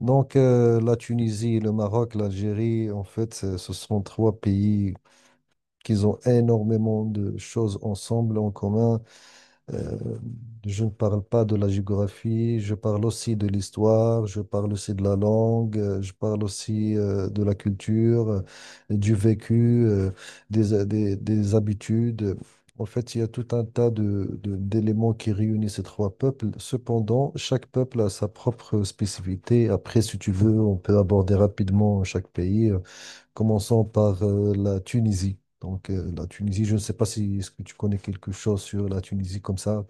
La Tunisie, le Maroc, l'Algérie, en fait, ce sont trois pays qui ont énormément de choses ensemble, en commun. Euh, je ne parle pas de la géographie, je parle aussi de l'histoire, je parle aussi de la langue, je parle aussi de la culture, du vécu, des habitudes. En fait, il y a tout un tas d'éléments qui réunissent ces trois peuples. Cependant, chaque peuple a sa propre spécificité. Après, si tu veux, on peut aborder rapidement chaque pays. Commençons par la Tunisie. La Tunisie, je ne sais pas si est-ce que tu connais quelque chose sur la Tunisie comme ça.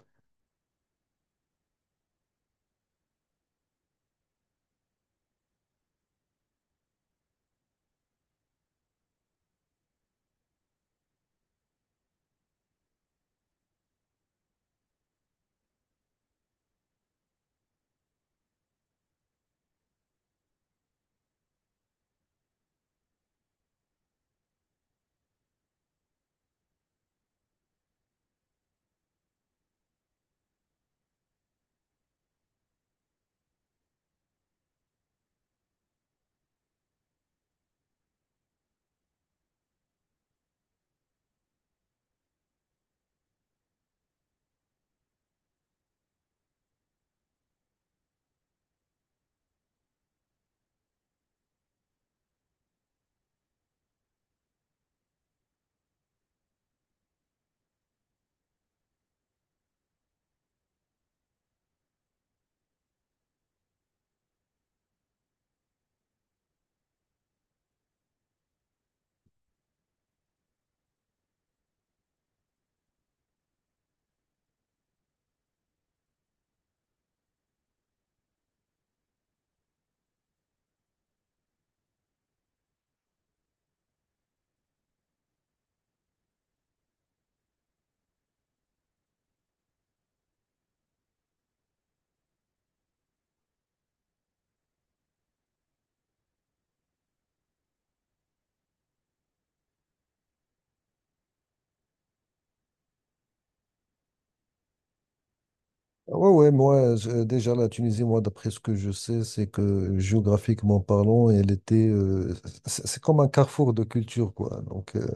Ah ouais, ouais, moi, déjà, la Tunisie, moi, d'après ce que je sais, c'est que géographiquement parlant, elle était. C'est comme un carrefour de culture, quoi. Donc, euh,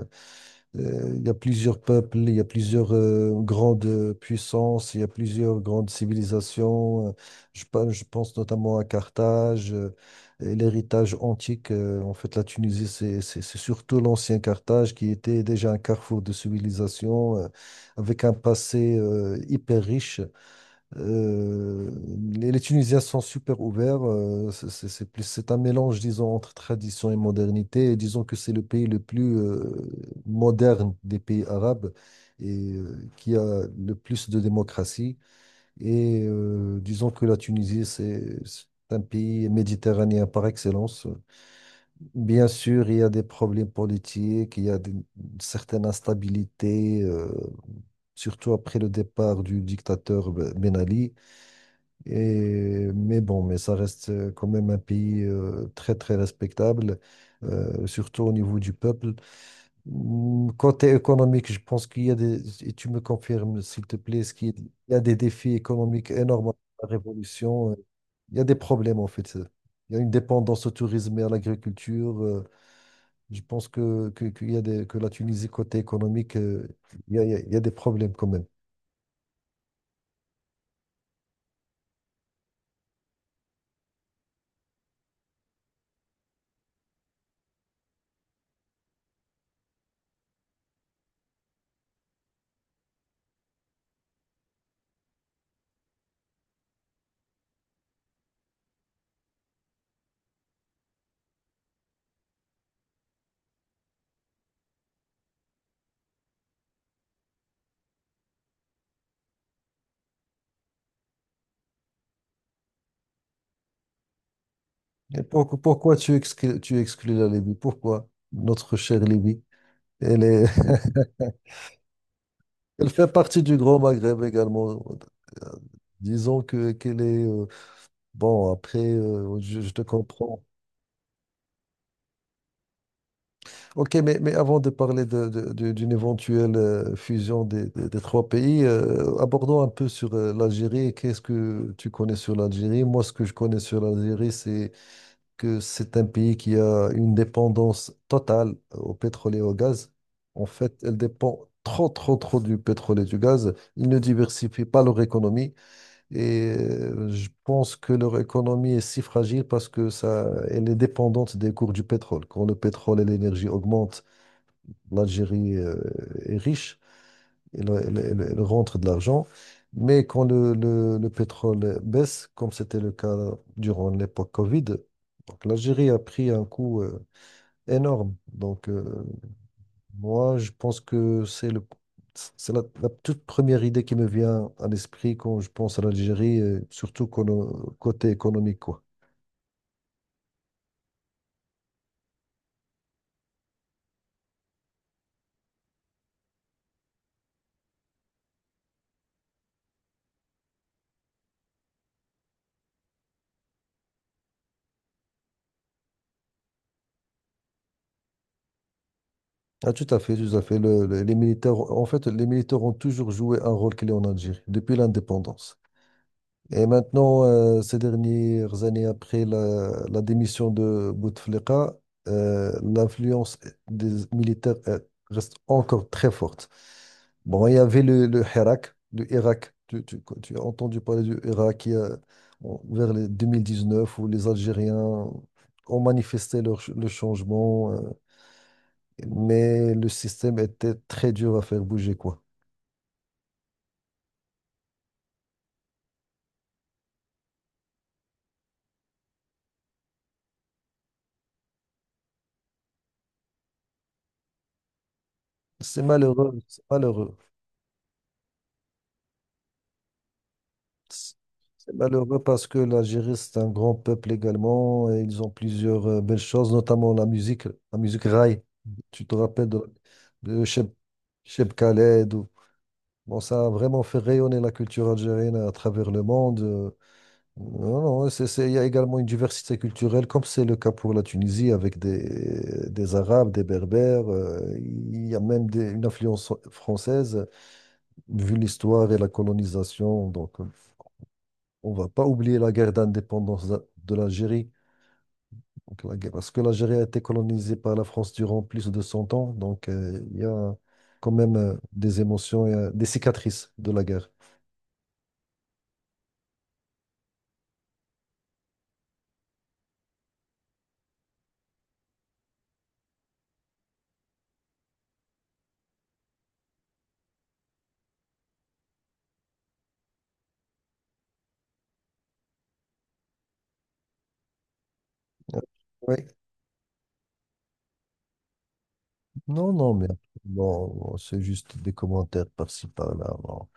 Euh, Il y a plusieurs peuples, il y a plusieurs grandes puissances, il y a plusieurs grandes civilisations. Je pense notamment à Carthage, et l'héritage antique. En fait, la Tunisie, c'est surtout l'ancien Carthage qui était déjà un carrefour de civilisation avec un passé hyper riche. Euh, les les Tunisiens sont super ouverts. C'est plus, c'est un mélange, disons, entre tradition et modernité. Et disons que c'est le pays le plus moderne des pays arabes et qui a le plus de démocratie. Disons que la Tunisie, c'est un pays méditerranéen par excellence. Bien sûr, il y a des problèmes politiques, il y a une certaine instabilité, surtout après le départ du dictateur Ben Ali. Et, mais bon, mais ça reste quand même un pays très, très respectable, surtout au niveau du peuple. Mm, côté économique, je pense qu'il y a des, et tu me confirmes, s'il te plaît, ce qu'il y a des défis économiques énormes à la révolution. Il y a des problèmes, en fait. Il y a une dépendance au tourisme et à l'agriculture. Je pense que, Qu'il y a des, que la Tunisie, côté économique, il y a, il y a des problèmes quand même. Et pourquoi tu exclus la Libye? Pourquoi notre chère Libye? Elle est- elle fait partie du Grand Maghreb également. Euh, Disons que qu'elle est je te comprends. Ok, mais avant de parler d'une éventuelle fusion des, des trois pays, abordons un peu sur l'Algérie. Qu'est-ce que tu connais sur l'Algérie? Moi, ce que je connais sur l'Algérie, c'est que c'est un pays qui a une dépendance totale au pétrole et au gaz. En fait, elle dépend trop, trop, trop du pétrole et du gaz. Ils ne diversifient pas leur économie. Je pense que leur économie est si fragile parce que ça, elle est dépendante des cours du pétrole. Quand le pétrole et l'énergie augmentent, l'Algérie est riche, elle, elle rentre de l'argent. Mais quand le, le pétrole baisse, comme c'était le cas durant l'époque Covid, donc l'Algérie a pris un coup énorme. Moi, je pense que c'est le, c'est la, la toute première idée qui me vient à l'esprit quand je pense à l'Algérie, côté économique, quoi. Ah, tout à fait, tout à fait. Les militaires, en fait, les militaires ont toujours joué un rôle clé en Algérie, depuis l'indépendance. Et maintenant, ces dernières années après la, la démission de Bouteflika, l'influence des militaires reste encore très forte. Bon, il y avait le Hirak, le Irak. Tu as entendu parler du Irak il y a- bon, vers les 2019 où les Algériens ont manifesté leur, le changement, mais le système était très dur à faire bouger, quoi. C'est malheureux, c'est malheureux. C'est malheureux parce que l'Algérie, c'est un grand peuple également et ils ont plusieurs belles choses, notamment la musique raï. Tu te rappelles de, de Cheb, Cheb Khaled. Bon, ça a vraiment fait rayonner la culture algérienne à travers le monde. Non, non, il y a également une diversité culturelle, comme c'est le cas pour la Tunisie, avec des Arabes, des Berbères. Il y a même une influence française, vu l'histoire et la colonisation. On va pas oublier la guerre d'indépendance de l'Algérie. Parce que l'Algérie a été colonisée par la France durant plus de 100 ans. Il y a quand même des émotions, et, des cicatrices de la guerre. Oui. Non, non, mais bon, bon, c'est juste des commentaires par-ci, par-là. Bon.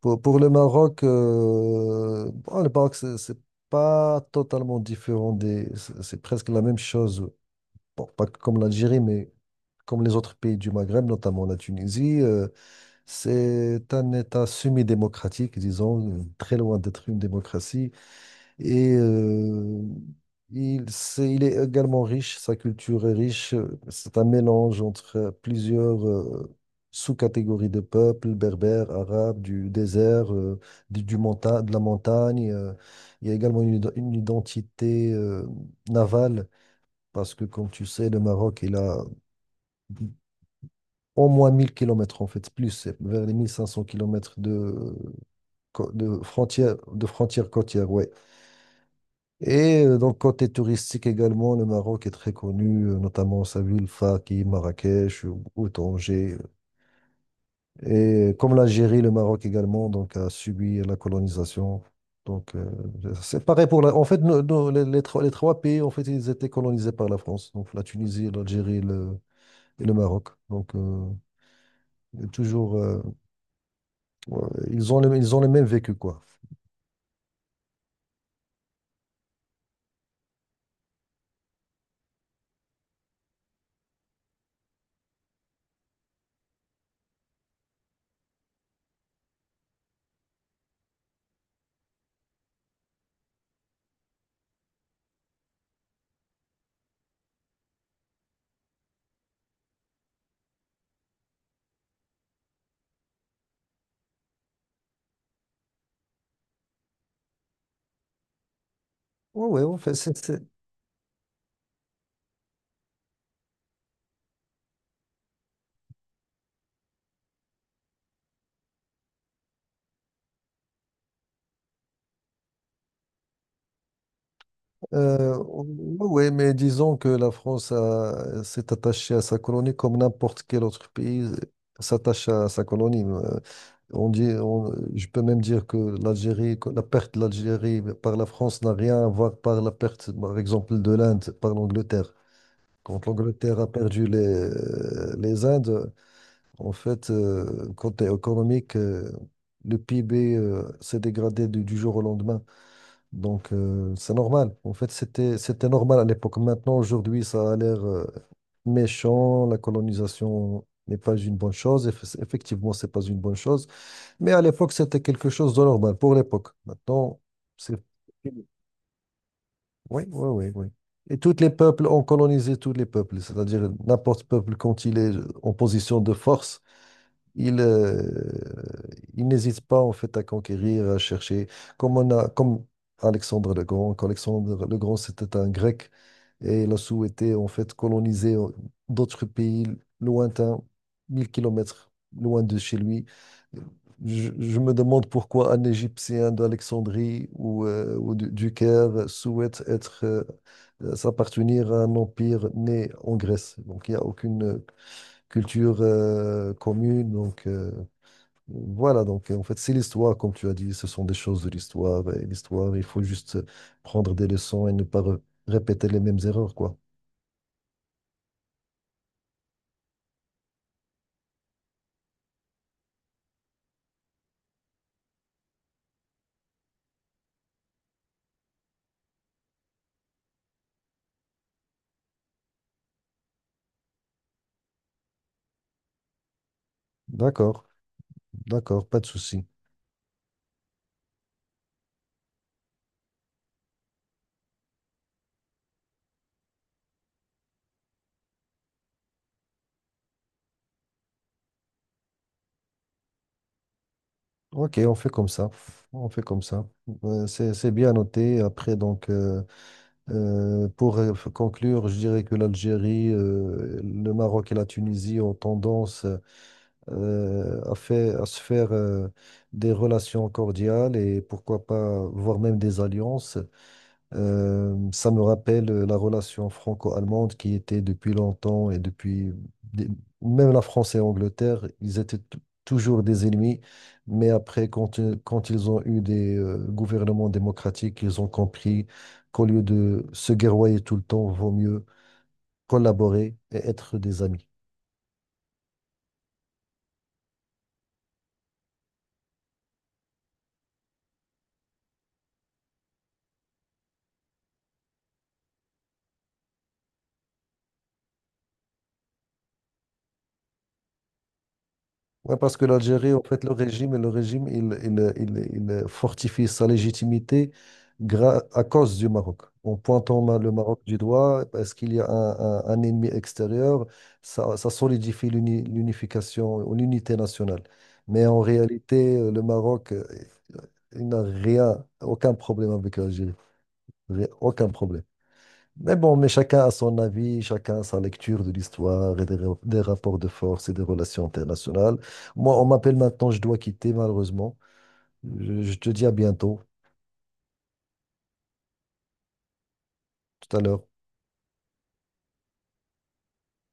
Pour le Maroc, bon, le Maroc, c'est pas totalement différent des, c'est presque la même chose. Bon, pas comme l'Algérie, mais comme les autres pays du Maghreb, notamment la Tunisie. C'est un État semi-démocratique, disons, très loin d'être une démocratie. Et euh, il est également riche, sa culture est riche. C'est un mélange entre plusieurs sous-catégories de peuples, berbères, arabes, du désert, de la montagne. Il y a également une, une identité navale, parce que, comme tu sais, le Maroc, il a au moins 1000 kilomètres en fait, plus, c'est vers les 1500 km de, de frontières côtières, ouais. Côté touristique également, le Maroc est très connu, notamment sa ville Faki, Marrakech ou Tanger. Comme l'Algérie, le Maroc également donc, a subi la colonisation. Donc, euh, c'est pareil pour la... En fait, les trois pays, en fait, ils étaient colonisés par la France. La Tunisie, et le Maroc. toujours... euh, ouais, ils ont le même vécu, quoi. Oui, ouais, ouais, en fait, ouais, ouais, mais disons que la France s'est attachée à sa colonie comme n'importe quel autre pays s'attache à sa colonie. Je peux même dire que la perte de l'Algérie par la France n'a rien à voir par la perte, par exemple, de l'Inde, par l'Angleterre. Quand l'Angleterre a perdu les Indes, en fait, côté économique, le PIB s'est dégradé du jour au lendemain. C'est normal. En fait, c'était, c'était normal à l'époque. Maintenant, aujourd'hui, ça a l'air méchant. La colonisation n'est pas une bonne chose. Effectivement, c'est pas une bonne chose. Mais à l'époque, c'était quelque chose de normal pour l'époque. Maintenant, c'est... Oui, oui, oui, oui. Et tous les peuples ont colonisé tous les peuples, c'est-à-dire n'importe peuple quand il est en position de force, il, euh, il n'hésite pas en fait à conquérir, à chercher. Comme Alexandre le Grand, qu'Alexandre le Grand c'était un Grec et il a souhaité en fait coloniser d'autres pays lointains, 1000 kilomètres loin de chez lui. Je me demande pourquoi un Égyptien d'Alexandrie ou, du Caire souhaite être s'appartenir à un empire né en Grèce. Donc il n'y a aucune culture commune. Voilà, donc en fait, c'est l'histoire, comme tu as dit, ce sont des choses de l'histoire. Et l'histoire, il faut juste prendre des leçons et ne pas répéter les mêmes erreurs, quoi. D'accord, d'accord, pas de souci. Ok, on fait comme ça. On fait comme ça. C'est bien noté. Après, pour conclure, je dirais que l'Algérie, le Maroc et la Tunisie ont tendance à se faire des relations cordiales et pourquoi pas, voire même des alliances. Ça me rappelle la relation franco-allemande qui était depuis longtemps et des- même la France et l'Angleterre, toujours des ennemis, mais après, quand ils ont eu des gouvernements démocratiques, ils ont compris qu'au lieu de se guerroyer tout le temps, vaut mieux collaborer et être des amis. Ouais, parce que l'Algérie, en fait, le régime, il fortifie sa légitimité à cause du Maroc. En pointant le Maroc du doigt, parce qu'il y a un ennemi extérieur, ça solidifie l'unification, ou l'unité nationale. Mais en réalité, le Maroc, il n'a rien, aucun problème avec l'Algérie. Aucun problème. Mais bon, mais chacun a son avis, chacun a sa lecture de l'histoire et des rapports de force et des relations internationales. Moi, on m'appelle maintenant, je dois quitter malheureusement. Je te dis à bientôt, tout à l'heure.